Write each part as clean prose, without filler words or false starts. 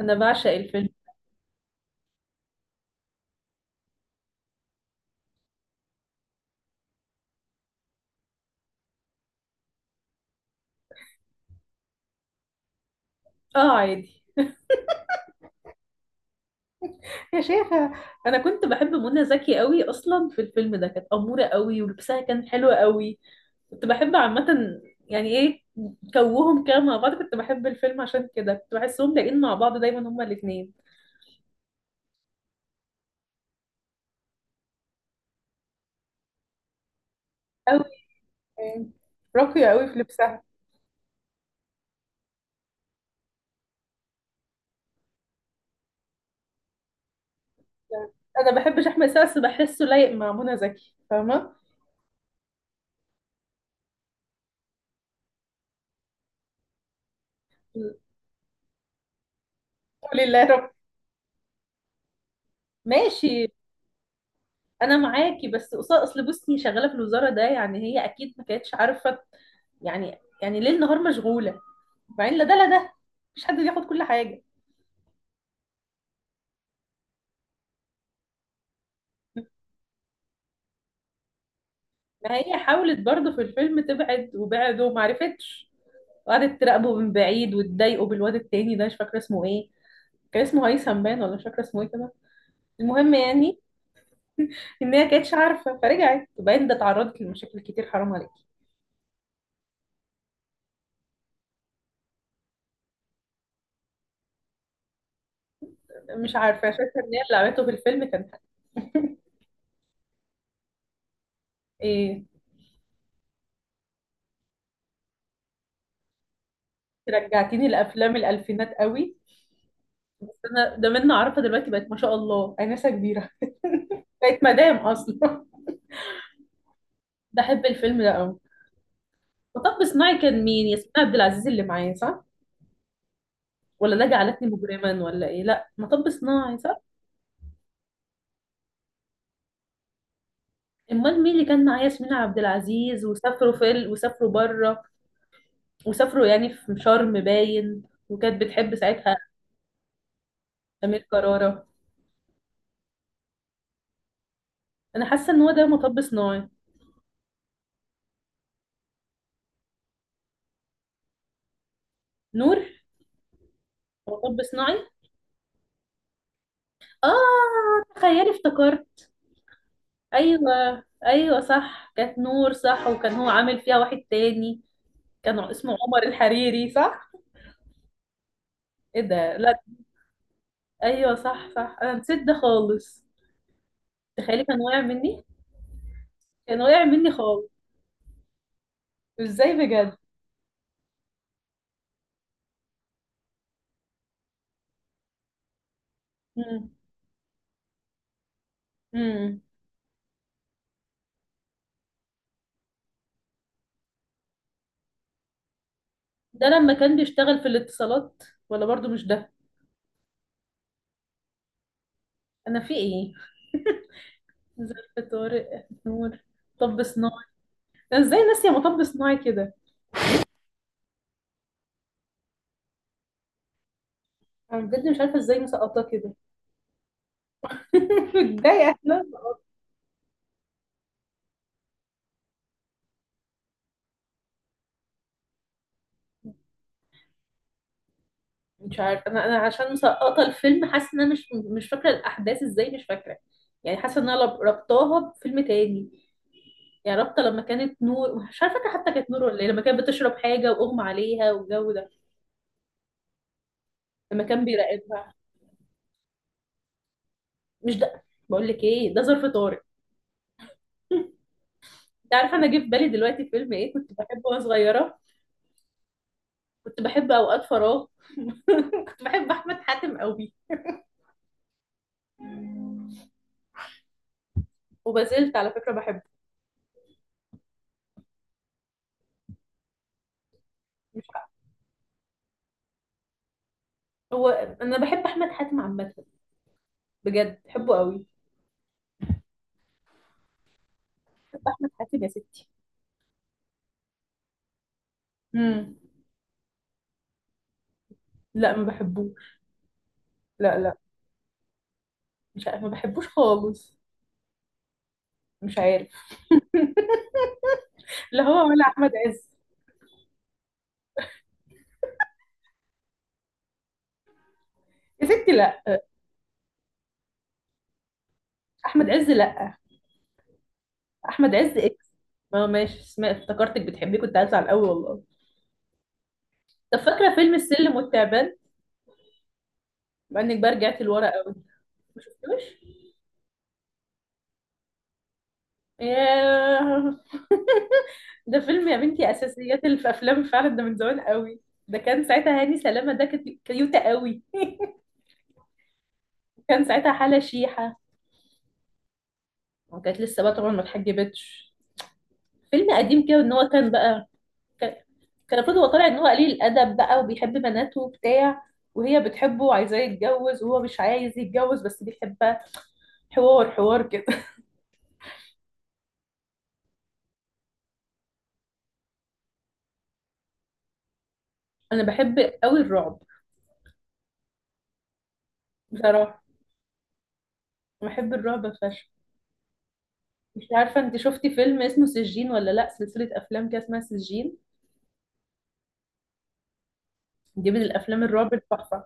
انا بعشق الفيلم. اه، عادي. يا شيخة، انا كنت بحب منى زكي قوي اصلا في الفيلم ده. كانت امورة قوي ولبسها كان حلو قوي. كنت بحب عامة، يعني ايه، كوهم كده مع بعض. كنت بحب الفيلم عشان كده، كنت بحسهم لاقين مع بعض دايما هما الاتنين. قوي. راقية قوي في لبسها. انا بحبش احمد سعد بس بحسه لايق مع منى زكي، فاهمة؟ قولي الله يا رب. ماشي. انا معاكي بس قصاد، اصل بصي شغاله في الوزاره ده، يعني هي اكيد ما كانتش عارفه. يعني ليل نهار مشغوله. بعدين لا ده لا ده، مش حد بياخد كل حاجه. ما هي حاولت برضه في الفيلم تبعد وبعد وما عرفتش. وقعدت تراقبه من بعيد وتضايقه بالواد التاني ده، مش فاكره اسمه ايه. كان اسمه هيثم باين، ولا مش فاكره اسمه ايه كده. المهم يعني ان هي كانتش عارفه فرجعت. وبعدين ده اتعرضت لمشاكل كتير، حرام عليك. مش عارفه، شايفه ان هي اللي عملته في الفيلم كان ايه. رجعتيني لافلام الالفينات قوي. بس انا ده منا عارفه، دلوقتي بقت ما شاء الله انسه كبيره. بقت مدام اصلا. بحب الفيلم ده قوي. مطب صناعي كان مين؟ ياسمين عبد العزيز اللي معايا، صح؟ ولا ده جعلتني مجرما؟ ولا ايه؟ لا، مطب صناعي صح. امال مين اللي كان معايا؟ ياسمين عبد العزيز. وسافروا بره. وسافروا يعني في شرم باين. وكانت بتحب ساعتها. امير كرارة. انا حاسه ان هو ده مطب صناعي. نور. مطب صناعي. اه، تخيلي افتكرت. ايوه ايوه، صح، كانت نور صح. وكان هو عامل فيها واحد تاني. كان اسمه عمر الحريري، صح. ايه ده، لا. ايوه صح صح، انا نسيت ده خالص. تخيلي كان واقع مني. كان واقع مني خالص. ازاي بجد. امم. امم. ده لما كان بيشتغل في الاتصالات. ولا برضو مش ده. انا في ايه. ظرف طارق نور. طب صناعي. انا ازاي ناسيه مطب صناعي كده. انا بجد مش عارفه ازاي مسقطاه كده. متضايقه، لا. مش عارفه، انا عشان مسقطه الفيلم، حاسه ان انا مش فاكره الاحداث ازاي، مش فاكره. يعني حاسه ان انا ربطاها بفيلم تاني. يعني رابطه لما كانت نور، مش عارفه فاكره حتى كانت نور ولا ايه، لما كانت بتشرب حاجه واغمى عليها والجو ده. لما كان بيراقبها. مش ده. بقول لك ايه، ده ظرف طارق. انت عارفه، انا جه في بالي دلوقتي فيلم ايه كنت بحبه وانا صغيره. كنت بحب اوقات فراغ. كنت بحب احمد حاتم قوي. وما زلت على فكره بحبه. مش عارفة. هو انا بحب احمد حاتم عامه. بجد بحبه قوي. بحب احمد حاتم يا ستي. امم. لا، ما بحبوش. لا لا. مش عارف ما بحبوش خالص. مش عارف. لا، هو ولا احمد عز. يا ستي لا. احمد عز لا. احمد عز اكس. ما هو ماشي، اسماء افتكرتك بتحبيه، كنت هزعل قوي والله. طب فاكره فيلم السلم والتعبان؟ مع انك بقى رجعت لورا قوي. ما شفتوش. ياه. ده فيلم يا بنتي، اساسيات اللي في افلام فعلا، ده من زمان قوي. ده كان ساعتها هاني سلامه، ده كانت كيوته قوي. كان ساعتها حاله شيحه. وكانت لسه بقى طبعا ما اتحجبتش. فيلم قديم كده، ان هو كان بقى. كان المفروض هو طالع ان هو قليل الادب بقى، وبيحب بناته وبتاع. وهي بتحبه وعايزاه يتجوز، وهو مش عايز يتجوز بس بيحبها. حوار حوار كده. انا بحب قوي الرعب. بصراحه. بحب الرعب فشخ. مش عارفه، انت شفتي فيلم اسمه سجين، ولا لا سلسله افلام كده اسمها سجين. دي من الافلام الرعب التحفه.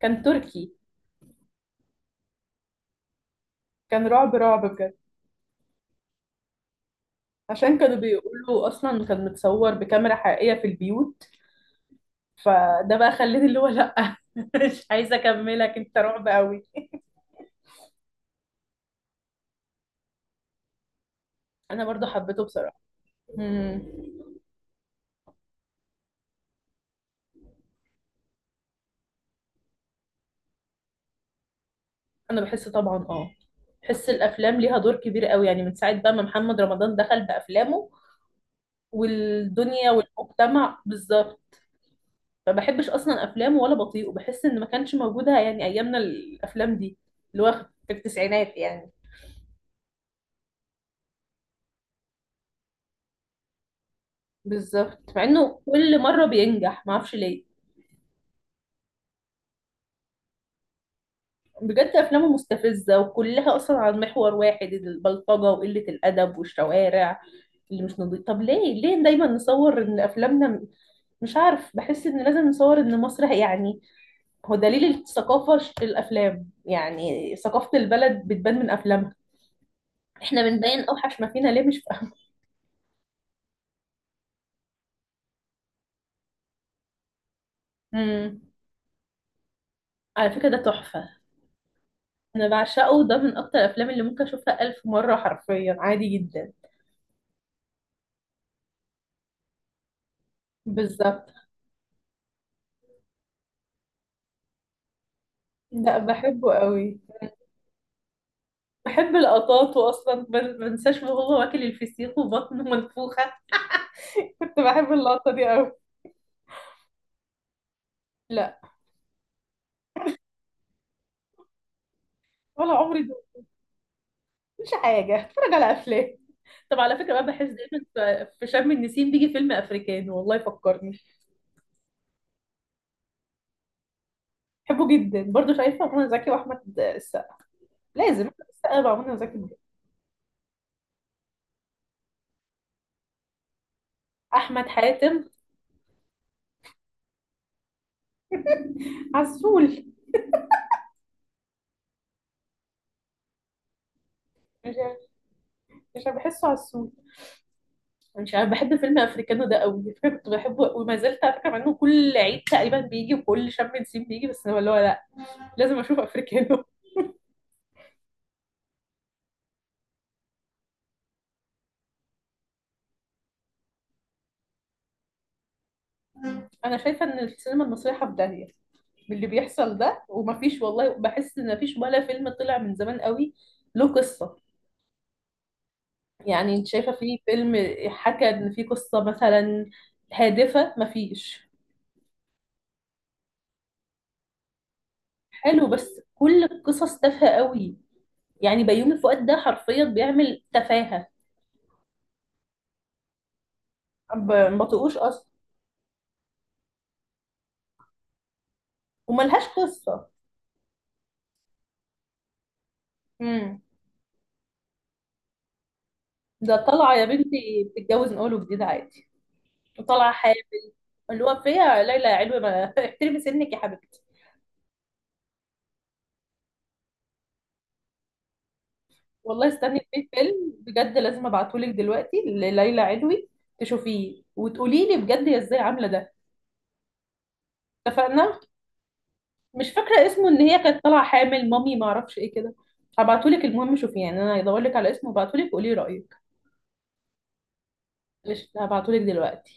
كان تركي. كان رعب رعب بجد. عشان كانوا بيقولوا اصلا كان متصور بكاميرا حقيقيه في البيوت. فده بقى خلاني اللي هو لا مش عايزه اكملك، انت رعب قوي. انا برضو حبيته بصراحه. مم. انا بحس طبعا، اه. بحس الافلام ليها دور كبير قوي، يعني من ساعه بقى ما محمد رمضان دخل بافلامه، والدنيا والمجتمع بالظبط. ما بحبش اصلا افلامه ولا بطيئه، بحس ان ما كانش موجوده يعني ايامنا الافلام دي. اللي هو في التسعينات يعني. بالظبط، مع انه كل مره بينجح، ما اعرفش ليه. بجد افلامه مستفزه، وكلها اصلا عن محور واحد، البلطجه وقله الادب والشوارع اللي مش نضيف. طب ليه ليه دايما نصور ان افلامنا، مش عارف، بحس ان لازم نصور ان مصر يعني هو دليل الثقافة، الافلام يعني ثقافة البلد بتبان من افلامها. احنا بنبين اوحش ما فينا، ليه، مش فاهمة. امم. على فكرة ده تحفة. انا بعشقه، ده من اكتر الافلام اللي ممكن اشوفها الف مرة حرفيا عادي جدا. بالظبط. لا، بحبه قوي. بحب اللقطات، واصلا ما انساش وهو واكل الفسيخ وبطنه منفوخة. كنت بحب اللقطة دي قوي. لا. ولا عمري. ده مش حاجة اتفرج على افلام. طب على فكرة بقى، بحس دايما في شم النسيم بيجي فيلم أفريكاني، والله فكرني. بحبه جدا برضه، شايفة منى زكي وأحمد السقا. لازم أحمد السقا مع منى زكي بجد. أحمد حاتم. عسول. مش عارف- مش عارف، بحسه عسول. مش عارف، بحب فيلم أفريكانو ده قوي على فكرة. كنت بحبه وما زلت على فكرة، مع إنه كل عيد تقريبا بيجي وكل شم نسيم بيجي، بس أنا اللي هو لأ. لازم أشوف أفريكانو. أنا شايفة إن السينما المصرية حبدانية باللي بيحصل ده، ومفيش، والله بحس إن مفيش ولا فيلم طلع من زمان قوي له قصة. يعني انت شايفة في فيلم حكى ان في قصة مثلا هادفة؟ مفيش. حلو بس كل القصص تافهة قوي. يعني بيومي فؤاد ده حرفيا بيعمل تفاهة. ما بطقوش اصلا. وملهاش قصة. امم. ده طالعة يا بنتي بتتجوز نقوله جديد عادي. وطالعة حامل. اللي هو فيها ليلى يا علوي، ما احترمي سنك يا حبيبتي. والله استني، في فيلم بجد لازم ابعتهولك دلوقتي لليلى علوي تشوفيه وتقولي لي بجد هي ازاي عاملة ده. اتفقنا. مش فاكرة اسمه، ان هي كانت طالعة حامل مامي، ما اعرفش ايه كده. هبعتهولك، المهم شوفي، يعني انا هدورلك على اسمه وابعتهولك وقولي رأيك. قشطة، هبعتهولك دلوقتي.